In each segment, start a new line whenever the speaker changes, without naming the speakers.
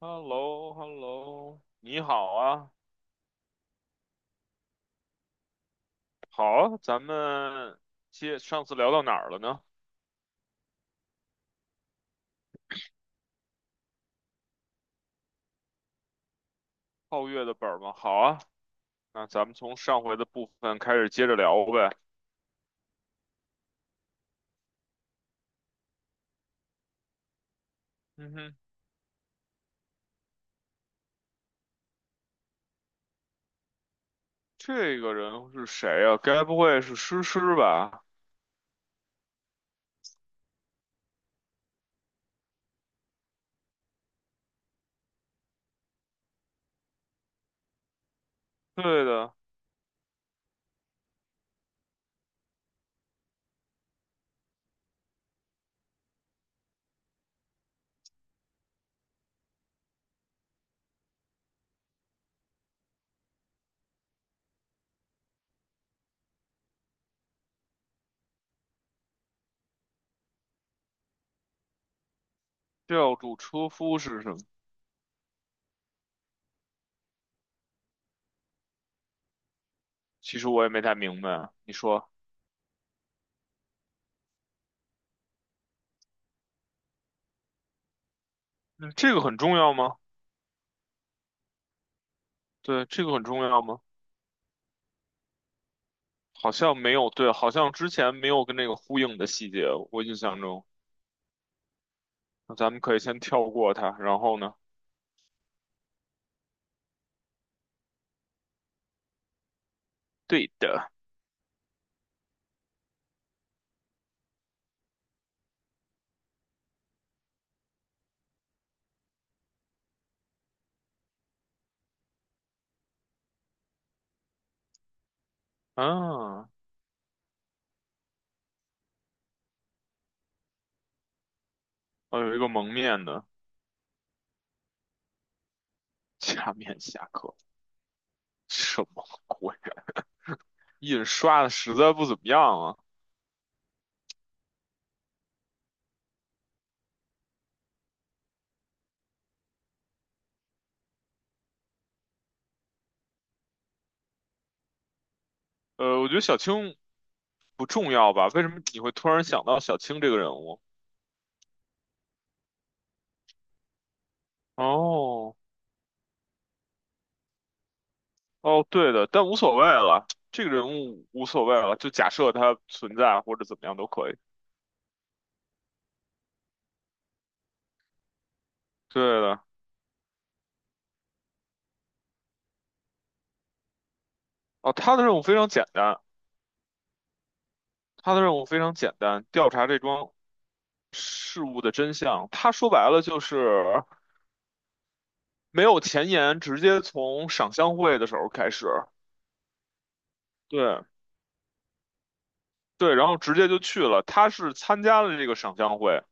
h e l l o h e l l o 你好啊，好啊，咱们接上次聊到哪儿了呢？皓月的本儿吗？好啊，那咱们从上回的部分开始接着聊呗。嗯哼，这个人是谁啊？该不会是诗诗吧？对的，吊住车夫是什么？其实我也没太明白啊。你说，嗯，这个很重要吗？对，这个很重要吗？好像没有，对，好像之前没有跟那个呼应的细节，我印象中。那咱们可以先跳过它，然后呢？对的，啊，我有一个蒙面的假面侠客，什么鬼？印刷的实在不怎么样啊。我觉得小青不重要吧？为什么你会突然想到小青这个人物？哦，哦，对的，但无所谓了，这个人物无所谓了，就假设他存在或者怎么样都可以。对的，哦，他的任务非常简单，他的任务非常简单，调查这桩事物的真相。他说白了就是。没有前言，直接从赏香会的时候开始，对对，然后直接就去了。他是参加了这个赏香会，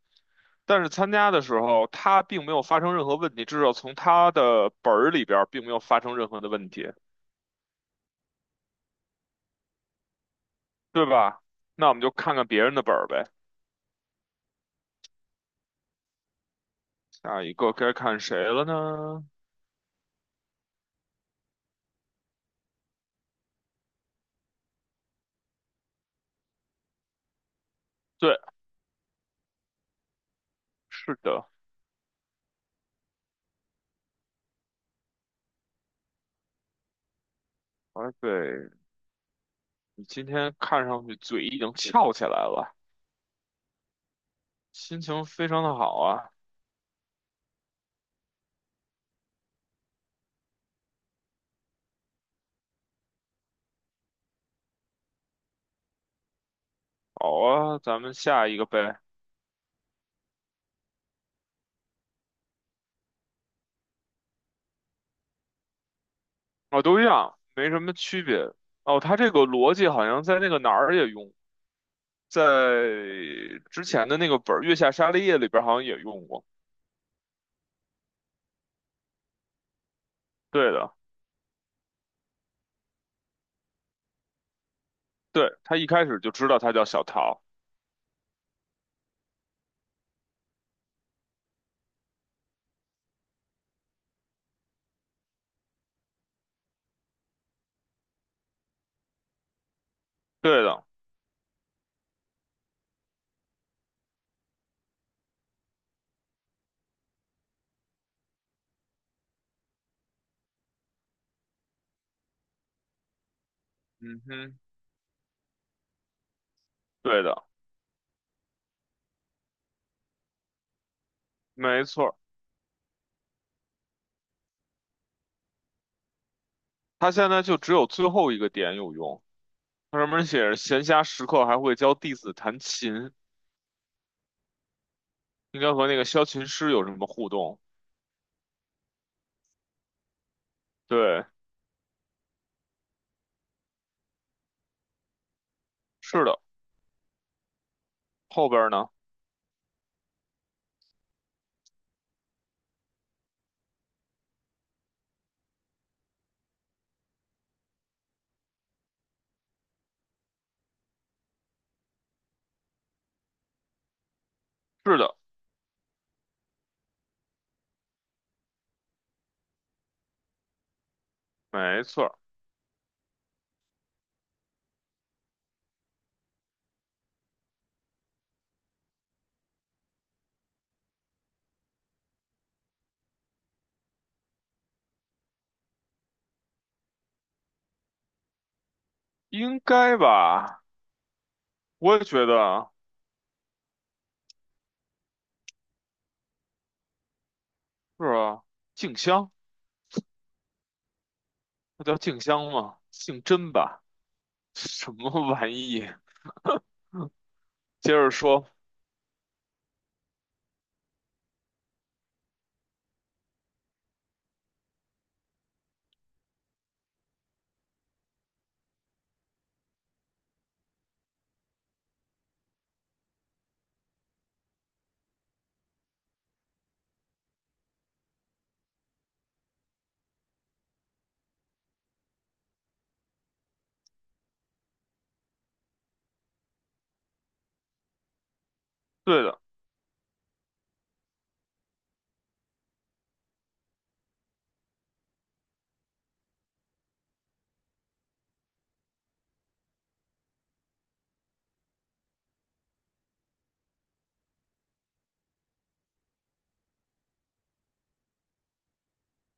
但是参加的时候他并没有发生任何问题，至少从他的本儿里边儿并没有发生任何的问题，对吧？那我们就看看别人的本儿呗。下一个该看谁了呢？对，是的，哎，对，你今天看上去嘴已经翘起来了，心情非常的好啊。好啊，咱们下一个呗。哦，都一样，没什么区别。哦，他这个逻辑好像在那个哪儿也用，在之前的那个本儿《月下沙利叶》里边儿好像也用过。对的，对，他一开始就知道他叫小桃。对的，嗯哼，对的，没错儿他现在就只有最后一个点有用，他上面写着闲暇时刻还会教弟子弹琴，应该和那个萧琴师有什么互动？对，是的，后边儿呢？是的，没错儿应该吧？我也觉得。是啊，静香，那叫静香吗？姓甄吧？什么玩意？接着说，对的，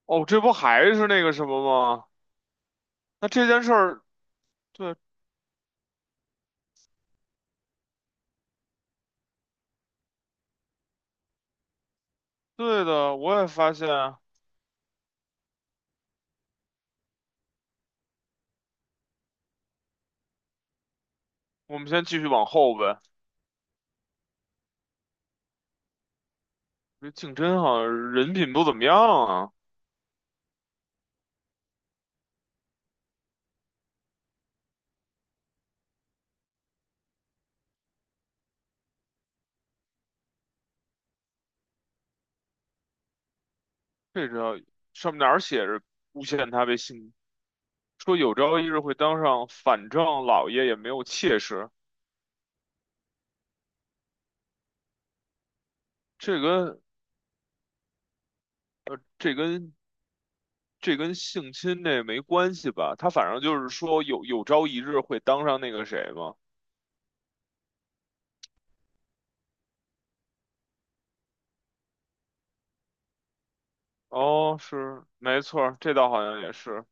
哦，这不还是那个什么吗？那这件事儿，对对的，我也发现。我们先继续往后呗。这静争好像人品不怎么样啊。这个上面哪儿写着诬陷他被性，说有朝一日会当上反正老爷，也没有妾室。这跟这跟这跟性侵这没关系吧？他反正就是说有朝一日会当上那个谁嘛。哦，是，没错儿，这倒好像也是。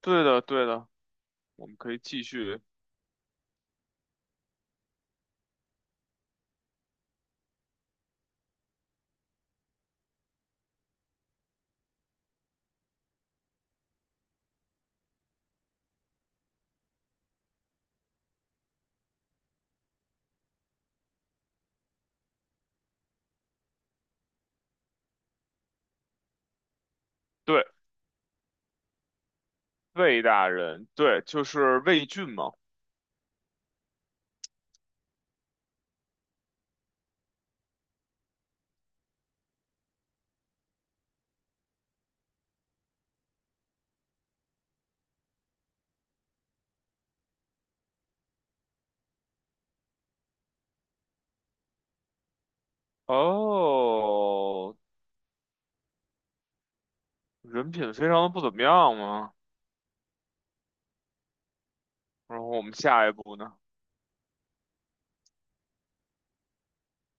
对的，对的，我们可以继续。对，魏大人，对，就是魏俊嘛。哦，人品非常的不怎么样嘛。然后我们下一步呢？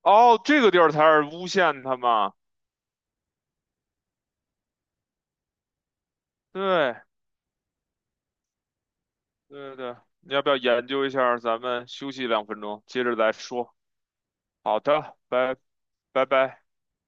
哦，这个地儿才是诬陷他嘛。对，对对，你要不要研究一下儿咱们休息2分钟，接着再说。好的，拜拜。